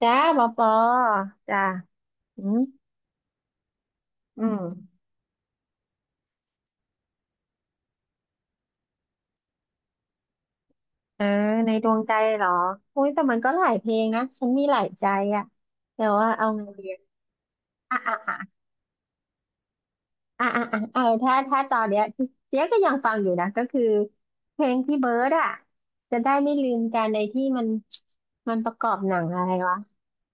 จ้าหมอปอจ้าอืมอืมเออในดวงใจเหรออุ้ยแต่มันก็หลายเพลงนะฉันมีหลายใจอะแต่ว่าเอาไงดีอ่ะอ่ะอ่ะอ่ะอ่ะอ่ะเออถ้าตอนเนี้ยเจ๊ก็ยังฟังอยู่นะก็คือเพลงพี่เบิร์ดอะจะได้ไม่ลืมกันในที่มันประกอบหนังอะไรวะ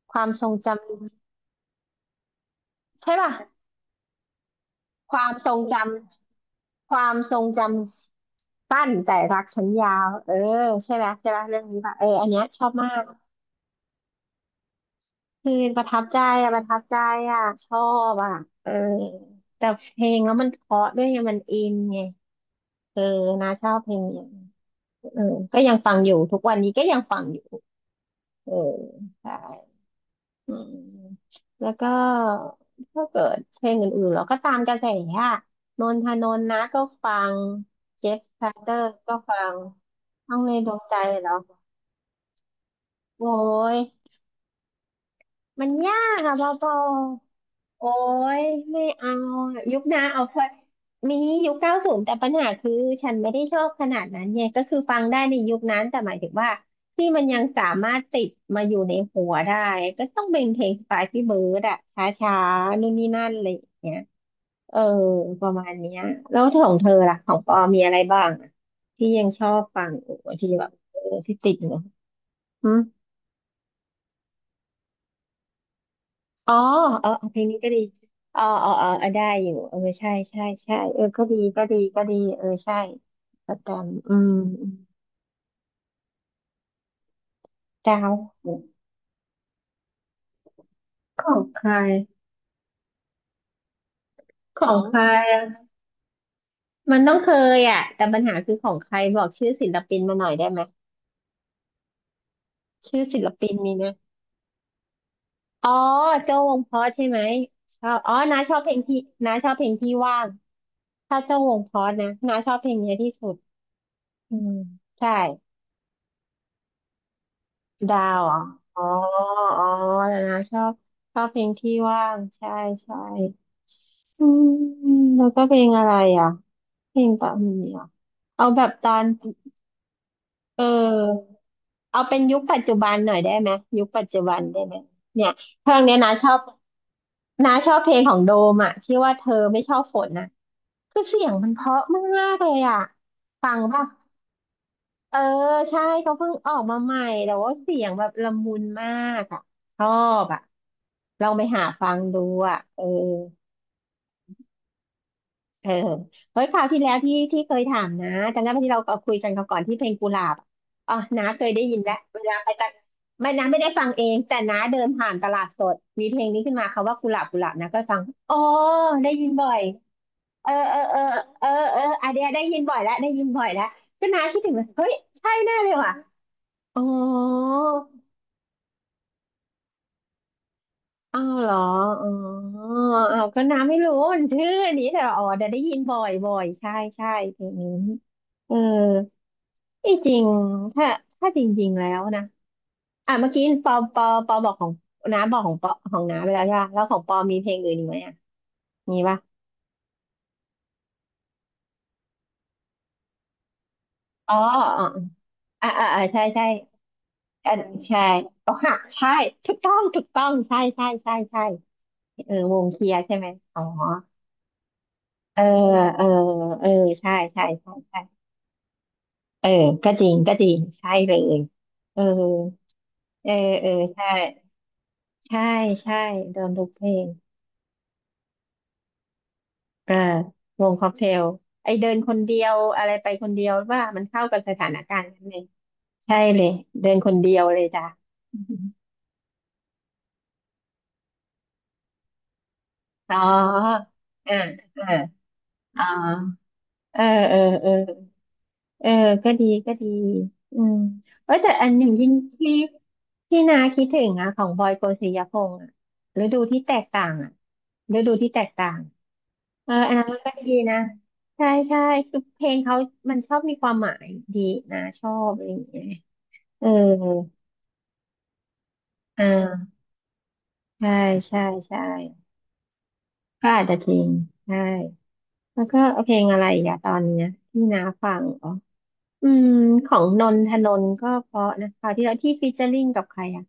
ความทรงจำใช่ป่ะ ความทรงจำความทรงจำสั้นแต่รักฉันยาวเออใช่ไหมใช่ไหมเรื่องนี้ป่ะเอออันเนี้ยชอบมากคือประทับใจอะประทับใจอะชอบอะเออแต่เพลงแล้วมันเพราะด้วยไงมันอินไงเออนะชอบเพลงนี้เออก็ยังฟังอยู่ทุกวันนี้ก็ยังฟังอยู่เออใช่ อืมแล้วก็ถ้าเกิดเพลงอื่นๆเราก็ตามกระแสอะนนทนนท์นะก็ฟัง เจฟซาเตอร์ก็ฟังต้องเลนดวงใจเหรอโอ้ย มันยากอะบอปอ โอ้ยไม่เอาอะยุคนะเอาเพอมียุค90แต่ปัญหาคือฉันไม่ได้ชอบขนาดนั้นไงก็คือฟังได้ในยุคนั้นแต่หมายถึงว่าที่มันยังสามารถติดมาอยู่ในหัวได้ก็ต้องเป็นเพลงสไตล์พี่เบิร์ดอะช้าๆนู่นนี่นั่นอะไรอย่างเงี้ยเออประมาณเนี้ยแล้วของเธอล่ะของปอมีอะไรบ้างอะที่ยังชอบฟังโอ้ที่แบบเออที่ติดเนอะ อ๋อเออเอาเพลงนี้ก็ดีอ๋ออ๋ออ๋อเออได้อยู่เออใช่ใช่ใช่เออก็ดีก็ดีก็ดีเออใช่สแตมป์อืมอืมดาวของใครของงใครอ่ะมันต้องเคยอ่ะแต่ปัญหาคือของใครบอกชื่อศิลปินมาหน่อยได้ไหมชื่อศิลปินมีนะอ๋อโจ้วงเพราะใช่ไหมชอบอ๋อน้าชอบเพลงที่น้าชอบเพลงที่ว่างถ้าโจ้วงเพราะนะน้าชอบเพลงเนี้ยที่สุดอืมใช่ ดาวเหรออ๋ออ๋อแล้นะชอบชอบเพลงที่ว่างใช่ใช่อืมแล้วก็เพลงอะไรอ่ะเพลงตอนนี้อ่ะเอาแบบตอนเออเอาเป็นยุคปัจจุบันหน่อยได้ไหมยุคปัจจุบันได้ไหมเนี่ยเพลงเนี้ยนะชอบนะชอบเพลงของโดมอ่ะที่ว่าเธอไม่ชอบฝนน่ะคือเสียงมันเพราะมากเลยอ่ะฟังป่ะ เออใช่เขาเพิ่งออกมาใหม่แต่ว่าเสียงแบบละมุนมากอ่ะชอบอ่ะลองไปหาฟังดูอ่ะเออเออเฮ้ยคราวที่แล้วที่เคยถามนะจำได้ไหมที่เราเอาคุยกันราก่อนที่เพลงกุหลาบอะอ๋อน้าเคยได้ยินแล้วเวลาไปตลาดไม่น้าไม่ได้ฟังเองแต่น้าเดินผ่านตลาดสดมีเพลงนี้ขึ้นมาคำว่ากุหลาบกุหลาบนะก็ฟังอ๋อได้ยินบ่อยเออเออเออเออเอออันเดียได้ยินบ่อยแล้วได้ยินบ่อยแล้วก็น้าคิดถึงเลยเฮ้ยใช่แน่เลยว่ะ อ๋อเอาเหรออ๋อเอาก็น้ำไม่รู้มันชื่ออันนี้แต่อ๋อแต่ได้ยินบ่อยบ่อยใช่ใช่เพลงนี้เออที่จริงถ้าถ้าจริงๆแล้วนะอ่ะเมื่อกี้ปอบอกของน้าบอกของปอของน้าไปแล้วใช่ปะแล้วของปอมีเพลงอื่นอีกไหมอ่ะมีปะอ๋ออ๋ออ๋ออ่ะอ่ะอ่ะใช่ใช่อันใช่อกหักใช่ถูกต้องถูกต้องใช่ใช่ใช่ใช่เออวงเคลียร์ใช่ไหมอ๋อ เออเออเออใช่ใช่ใช่ใช่เออก็จริงก็จริงใช่เลยเออเออเออใช่ใช่ใช่โดนทุกเพลงอ่าวงค็อกเทลไอเดินคนเดียวอะไรไปคนเดียวว่ามันเข้ากับสถานการณ์นั้นเลใช่เลยเดินคนเดียวเลยจ้ะ อ๋ออ่าอ่าอ๋อ เออเออเออเออก็ดีก็ดีอืมเออแต่อันหนึ่งยิ่งที่ที่นาคิดถึงอะของบอยโกสิยพงษ์อ่ะฤดูที่แตกต่างอะฤดูที่แตกต่างเอออันนั้นมันก็ดีนะใช่ใช่คือเพลงเขามันชอบมีความหมายดีนะชอบอะไรอย่างเงี้ยเอออ่าใช่ใช่ใช่ก็อาจจะทิ้งใช่แล้วก็เอาเพลงอะไรอย่าตอนเนี้ยที่นาฟัง อืมของนนทนนท์ก็เพราะนะคราวที่แล้วที่ฟีเจอริ่งกับใครอ่ะ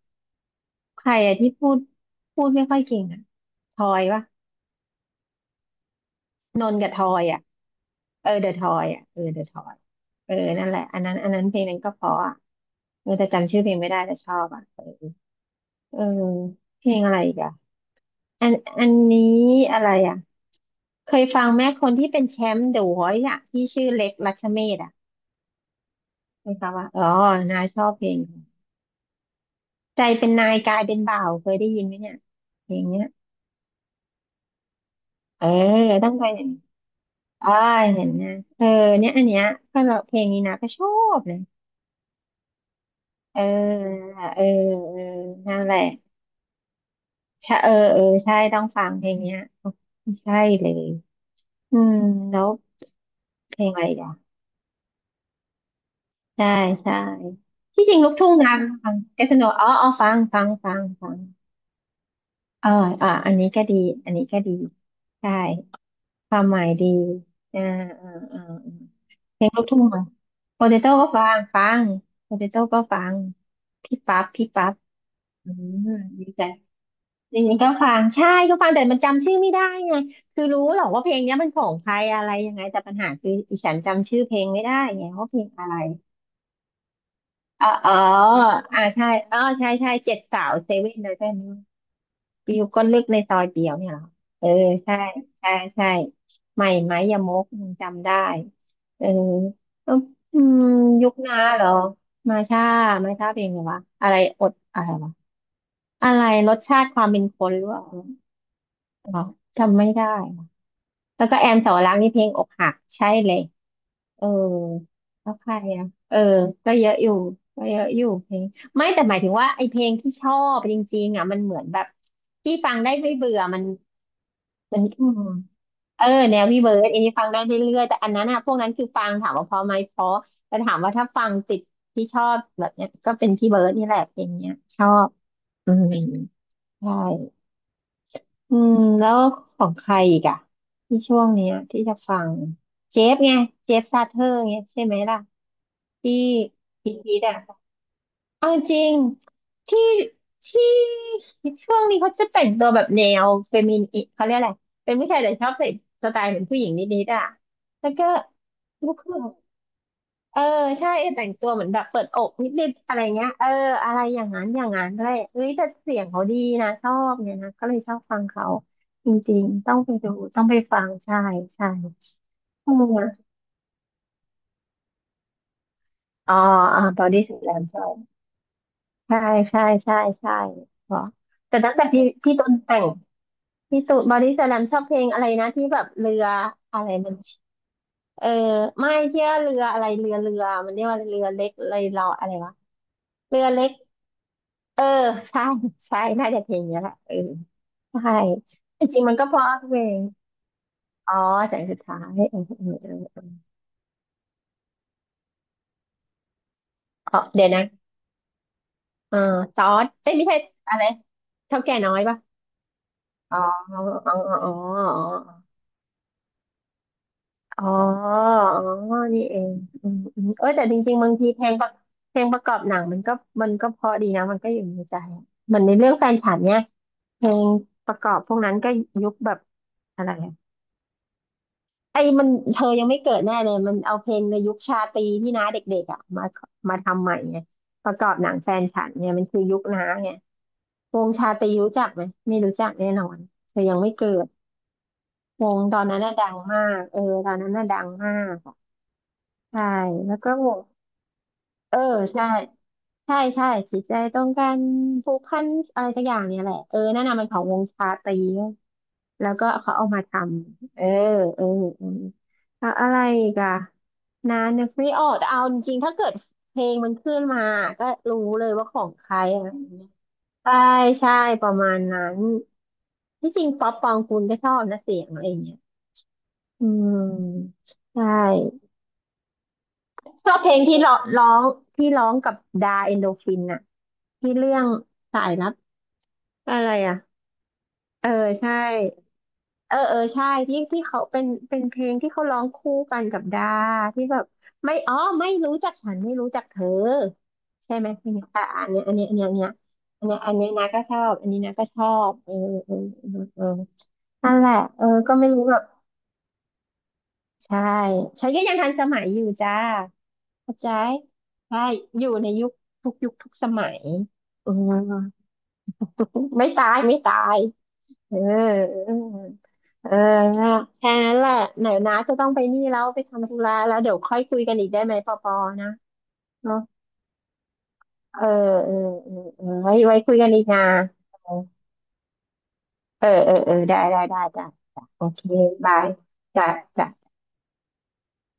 ใครอ่ะที่พูดพูดไม่ค่อยเก่งอ่ะทอยปะนนท์กับทอยอ่ะเออเดอะทอยอ่ะเออเดอะทอยเออนั่นแหละอันนั้นเพลงนั้นก็เพราะอ่ะเออแต่จำชื่อเพลงไม่ได้แต่ชอบอ่ะเออเออเพลงอะไรอีกอ่ะอันอันนี้อะไรอ่ะเคยฟังแม่คนที่เป็นแชมป์เดอะวอยซ์อ่ะที่ชื่อเล็กรัชเมศอ่ะเคยฟังว่าอ๋อนาชอบเพลง ใจเป็นนายกายเป็นบ่าวเคยได้ยินไหมเนี่ยเพลงเนี้ยเออต้องไปเห็นอ่าเห็นนะเออเนี่ยอันเนี้ยก็เราเพลงนี้นะก็ชอบเลยเออเออเออนั่นแหละใช่เออใช่ต้องฟังเพลงเนี้ยใช่เลยอืมแล้วเพลงอะไรอีกอ่ะใช่ใช่ที่จริงลูกทุ่งนะฟังแกสโนอ๋ออ๋อฟังเอออ่าอันนี้ก็ดีใช่ความหมายดีอ่าอ่าอ่า เพลงลูกทุ่งอะโปเตโต้ก็ฟังโปเตโต้ก็ฟังพี่ปั๊บอืมดีใจจริงๆก็ฟังใช่ก็ฟังแต่มันจำชื่อไม่ได้ไงคือรู้หรอกว่าเพลงเนี้ยมันของใครอะไรยังไงแต่ปัญหาคืออีฉันจำชื่อเพลงไม่ได้ไงว่าเพลงอะไรเอ๋อเอ๋ออ่าใช่อ๋อ ใช่เจ็ดสาวเซเว่นเลยใช่ไหม ปิวก็เล็กในซอยเดียวเนี่ยเหรอ เออใช่ใช่ใช่ใหม่ไหมยมกยังจำได้เออเอออืมยุคน้าเหรอมาช่ามาช่าเป็นไงวะอะไรอดอะไรวะอะไรรสชาติความเป็นคนหรือว่าอ๋อจำไม่ได้ว่ะแล้วก็แอมสาวรักษ์นี่เพลงอกหักใช่เลยเออแล้วใครอ่ะเออก็เยอะอยู่ก็เยอะอยู่เพลงไม่แต่หมายถึงว่าไอเพลงที่ชอบจริงๆอ่ะมันเหมือนแบบที่ฟังได้ไม่เบื่อมัน มันอืมเออแนวพี่เบิร์ดอันนี้ฟังได้เรื่อยๆแต่อันนั้นอะพวกนั้นคือฟังถามว่าเพราะไหมเพราะแต่ถามว่าถ้าฟังติดที่ชอบแบบเนี้ยก็เป็นพี่เบิร์ดนี่แหละเพลงเนี้ยชอบอืมใช่อืมแล้วของใครอีกอะที่ช่วงเนี้ยที่จะฟังเจฟไงเจฟซาเธอร์เงี้ยใช่ไหมล่ะที่ฮิตๆอะ เอาจริงที่ที่ช่วงนี้เขาจะแต่งตัวแบบแนวเฟมินิเขาเรียกอะไรเป็นผู้ชายแต่ชอบใส่สไตล์เหมือนผู้หญิงนิดๆอ่ะแล้วก็ลูกครึ่งเออใช่แต่งตัวเหมือนแบบเปิดอกนิดๆอะไรเงี้ยเอออะไรอย่างนั้นอะไรเอ้ยแต่เสียงเขาดีนะชอบเนี่ยนะก็เลยชอบฟังเขาจริงๆต้องไปดูต้องไปฟังใช่ใช่อืมอ๋ออ่าบอดี้สแลมใช่ใช่ใช่ใช่เพราะแต่ตั้งแต่พี่ต้นแต่ง พี่ตูนบอดี้สแลมชอบเพลงอะไรนะที่แบบเรืออะไรมันเออไม่เที่ยวเรืออะไรเรือมันเรียกว่าเรือเล็กเลยรออะไรวะเรือเล็กเออใช่ใช่น่าจะเพลงเนี้ยแหละเออใช่จริงๆมันก็เพราะทุกเพลงอ๋อแสงสุดท้ายเอออ๋อเดี๋ยวนะเออซอสเอ้ยไม่ใช่อะไรเท่าแก่น้อยปะอ๋ออ๋ออ๋ออ๋อ อ๋ออ๋อ นี่เองอืมเออแต่จริงๆบางทีเพลงประเพลงประกอบหนังมันก็เพราะดีนะมันก็อยู่ในใจอะเหมือนในเรื่องแฟนฉันเนี่ยเพลงประกอบพวกนั้นก็ยุคแบบอะไรอะไอ้มันเธอยังไม่เกิดแน่เลยมันเอาเพลงในยุคชาตรีที่น้าเด็กๆอ่ะมาทำใหม่ไงประกอบหนังแฟนฉันเนี่ยมันคือยุคน้าไงวงชาตรีรู้จักไหมไม่รู้จักแน่นอนเธอยังไม่เกิดวงตอนนั้นน่ะดังมากเออตอนนั้นน่ะดังมากอะใช่แล้วก็วง เออใช่ใช่จิตใจต้องการผูกพันอะไรสักอย่างเนี่ยแหละเออนั่นน่ะมันของวงชาตรีแล้วก็เขาเอามาทำเออเออแล้วอะไรอีกอะนานนึกไม่ออกแต่เอาจริงๆถ้าเกิดเพลงมันขึ้นมาก็รู้เลยว่าของใครอะไรอย่างเงี้ยใช่ใช่ประมาณนั้นที่จริงป๊อปปองกูลก็ชอบนะเสียงอะไรอย่างเงี้ยอืมใช่ ชอบเพลงที่ร้องที่ร้องกับดาเอนโดฟินน่ะที่เรื่องสายลับอะไรอ่ะเออใช่เออใช่ที่เขาเป็นเพลงที่เขาร้องคู่กันกับดาที่แบบไม่อ๋อไม่รู้จักฉันไม่รู้จักเธอใช่ไหมเพลงนี้อ่ะอันเนี้ยอันเนี้ยอันเนี้ยอันเนี้ยอันเนี้ยอันเนี้ยนะก็ชอบอันนี้นะก็ชอบเออเออนั่นแหละเออก็ไม่รู้แบบใช่ฉันก็ยังทันสมัยอยู่จ้า เข้าใจใช่อยู่ในยุคทุกยุคทุกสมัยเออไม่ตายไม่ตายเออเออเออแค่นั้นแหละไหนนะจะต้องไปนี่แล้วไปทำธุระแล้วเดี๋ยวค่อยคุยกันอีกได้ไหมปอปอนะเนาะเออเออเออไว้ไว้คุยกันอีกนะเออได้ได้ได้จ้ะจ้ะโอเคบายจ้ะจ้ะ